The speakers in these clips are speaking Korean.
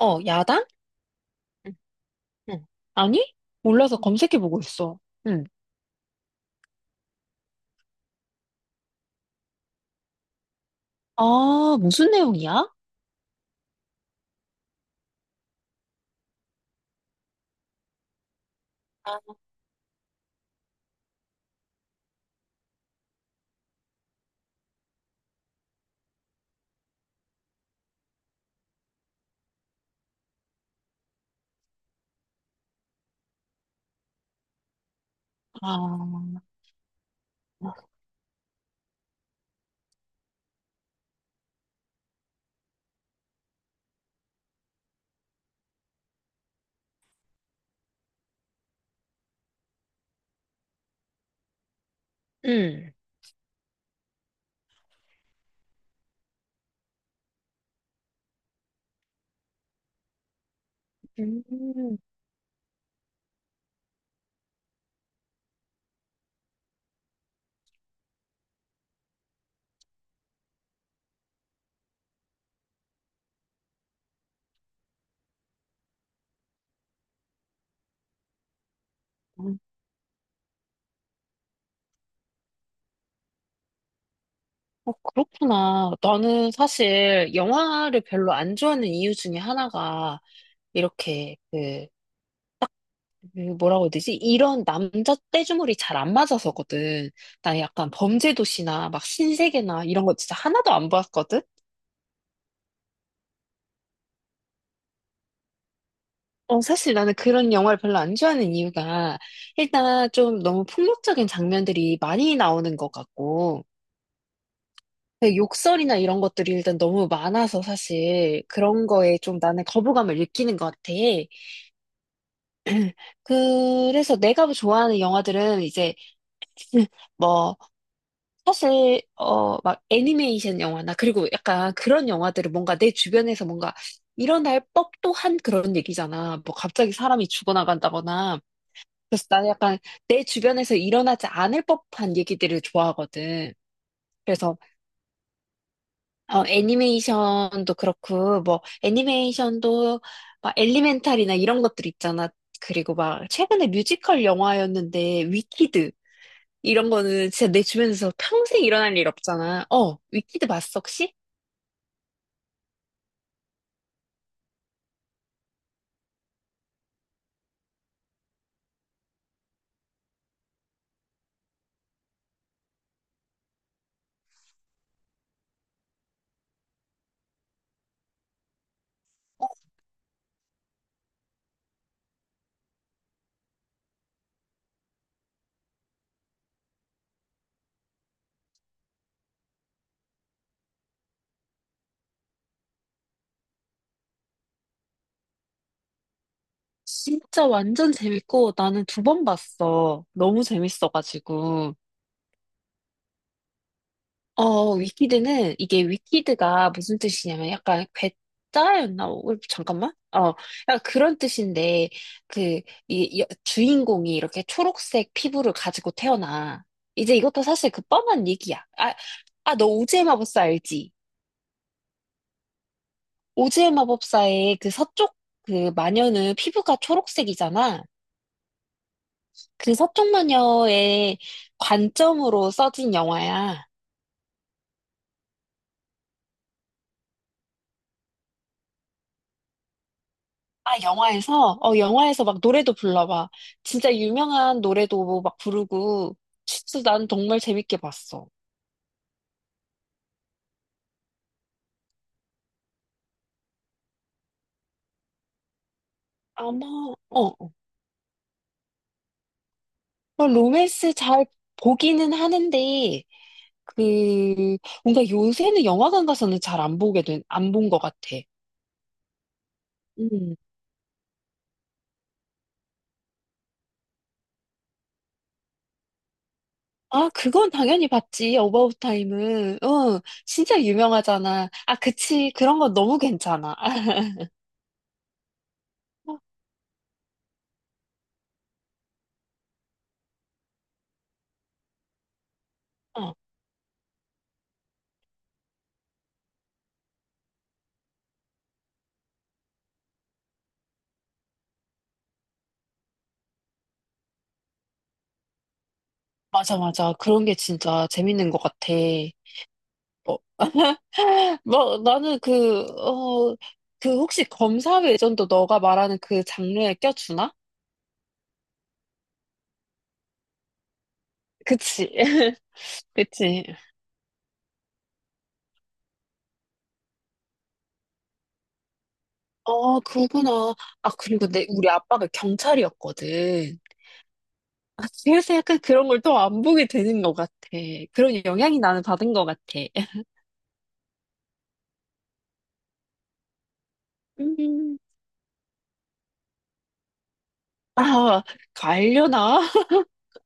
어, 야당? 응, 응. 아니? 몰라서 검색해보고 있어. 응. 아, 무슨 내용이야? 아, 응. 음, 어, 그렇구나. 나는 사실 영화를 별로 안 좋아하는 이유 중에 하나가 이렇게 그 뭐라고 해야 되지? 이런 남자 떼주물이 잘 안 맞아서거든. 나 약간 범죄도시나 막 신세계나 이런 거 진짜 하나도 안 봤거든? 어, 사실 나는 그런 영화를 별로 안 좋아하는 이유가 일단 좀 너무 폭력적인 장면들이 많이 나오는 것 같고 그 욕설이나 이런 것들이 일단 너무 많아서 사실 그런 거에 좀 나는 거부감을 느끼는 것 같아. 그래서 내가 좋아하는 영화들은 이제 뭐 사실 어 막 애니메이션 영화나 그리고 약간 그런 영화들은 뭔가 내 주변에서 뭔가 일어날 법도 한 그런 얘기잖아. 뭐 갑자기 사람이 죽어나간다거나 그래서 나는 약간 내 주변에서 일어나지 않을 법한 얘기들을 좋아하거든. 그래서 어, 애니메이션도 그렇고 뭐 애니메이션도 막 엘리멘탈이나 이런 것들 있잖아. 그리고 막 최근에 뮤지컬 영화였는데 위키드 이런 거는 진짜 내 주변에서 평생 일어날 일 없잖아. 어, 위키드 봤어 혹시? 진짜 완전 재밌고 나는 두 번 봤어. 너무 재밌어가지고. 어, 위키드는 이게 위키드가 무슨 뜻이냐면 약간 괴짜였나? 어, 잠깐만. 어, 약간 그런 뜻인데 그 주인공이 이렇게 초록색 피부를 가지고 태어나. 이제 이것도 사실 그 뻔한 얘기야. 아, 아, 너 오즈의 마법사 알지? 오즈의 마법사의 그 서쪽 그 마녀는 피부가 초록색이잖아. 그 서쪽 마녀의 관점으로 써진 영화야. 아, 영화에서? 어, 영화에서 막 노래도 불러봐. 진짜 유명한 노래도 뭐 막 부르고, 진짜 난 정말 재밌게 봤어. 아마, 어, 어. 뭐 로맨스 잘 보기는 하는데, 그, 뭔가 요새는 영화관 가서는 잘 안 보게 된, 안 본 것 같아. 음. 아, 그건 당연히 봤지. 어바웃 타임은. 응, 진짜 유명하잖아. 아, 그치. 그런 건 너무 괜찮아. 어, 맞아, 맞아. 그런 게 진짜 재밌는 것 같아. 어, 나는 그, 그 혹시 검사 외전도 너가 말하는 그 장르에 껴주나? 그치. 그치. 어, 그거구나. 아, 그리고 우리 아빠가 경찰이었거든. 아, 그래서 약간 그런 걸 또 안 보게 되는 것 같아. 그런 영향이 나는 받은 것 같아. 음. 아, 갈려나?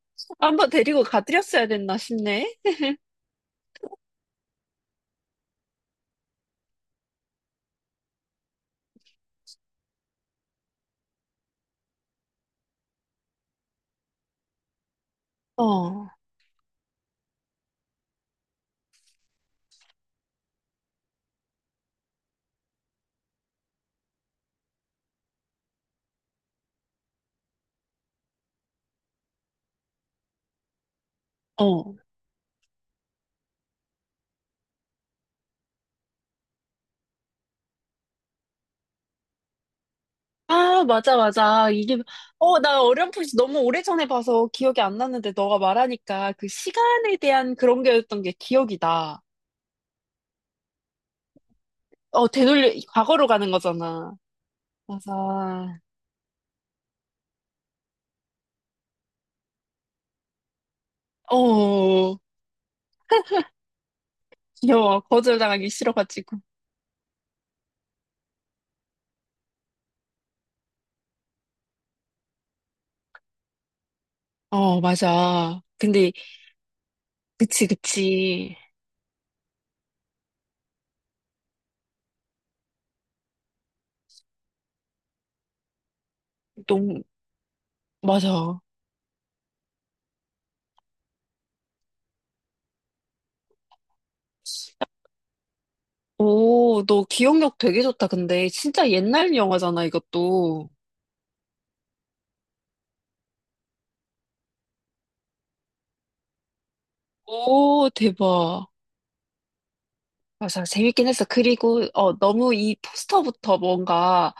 한번 데리고 가드렸어야 됐나 싶네. 어, 어. 아, 맞아, 맞아. 이게, 어, 나 어렴풋이 너무 오래전에 봐서 기억이 안 났는데 너가 말하니까 그 시간에 대한 그런 게였던 게 기억이 나. 어, 되돌려, 과거로 가는 거잖아. 맞아. 어, 귀여워. 거절당하기 싫어가지고. 어, 맞아. 근데, 그치, 그치. 너무, 맞아. 오, 너 기억력 되게 좋다. 근데, 진짜 옛날 영화잖아, 이것도. 오, 대박. 맞아, 재밌긴 했어. 그리고, 어, 너무 이 포스터부터 뭔가,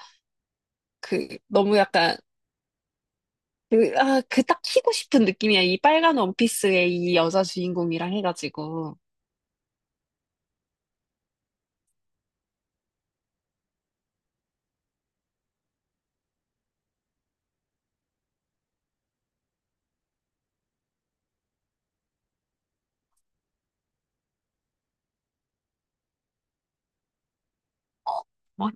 그, 너무 약간, 그, 그 딱 키고 싶은 느낌이야. 이 빨간 원피스의 이 여자 주인공이랑 해가지고. 어,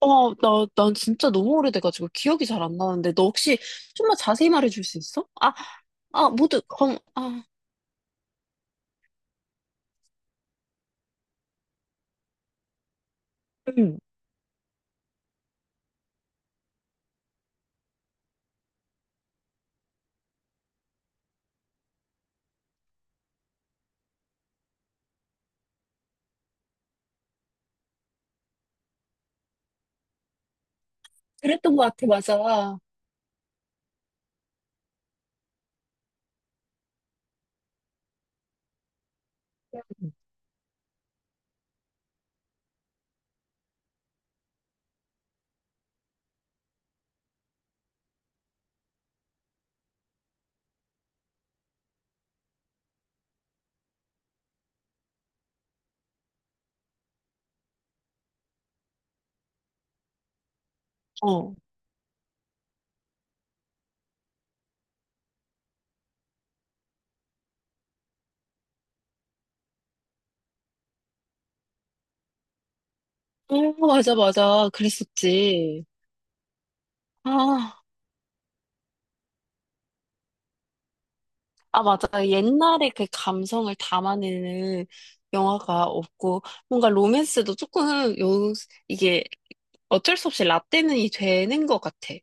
어, 난 진짜 너무 오래돼가지고 기억이 잘 안 나는데, 너 혹시 좀만 자세히 말해줄 수 있어? 아, 아, 아, 응. 그랬던 것 같아, 맞아. 어. 어, 맞아, 맞아. 그랬었지. 아. 아, 맞아. 옛날에 그 감성을 담아내는 영화가 없고, 뭔가 로맨스도 조금, 이게 어쩔 수 없이 라떼는이 되는 것 같아.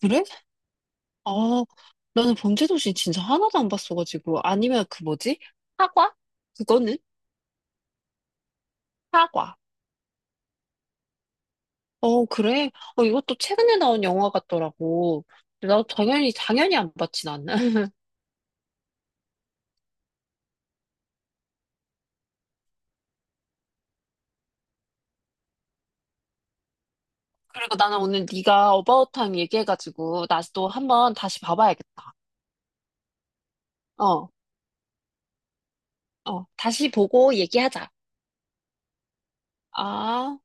그래? 아, 나는 범죄도시 진짜 하나도 안 봤어가지고. 아니면 그 뭐지? 사과? 그거는? 사과. 어, 그래? 어, 이것도 최근에 나온 영화 같더라고. 근데 나 당연히, 당연히 안 봤지, 나는. 그리고 나는 오늘 네가 어바웃 타임 얘기해가지고, 나도 한번 다시 봐봐야겠다. 어. 어, 다시 보고 얘기하자. 아.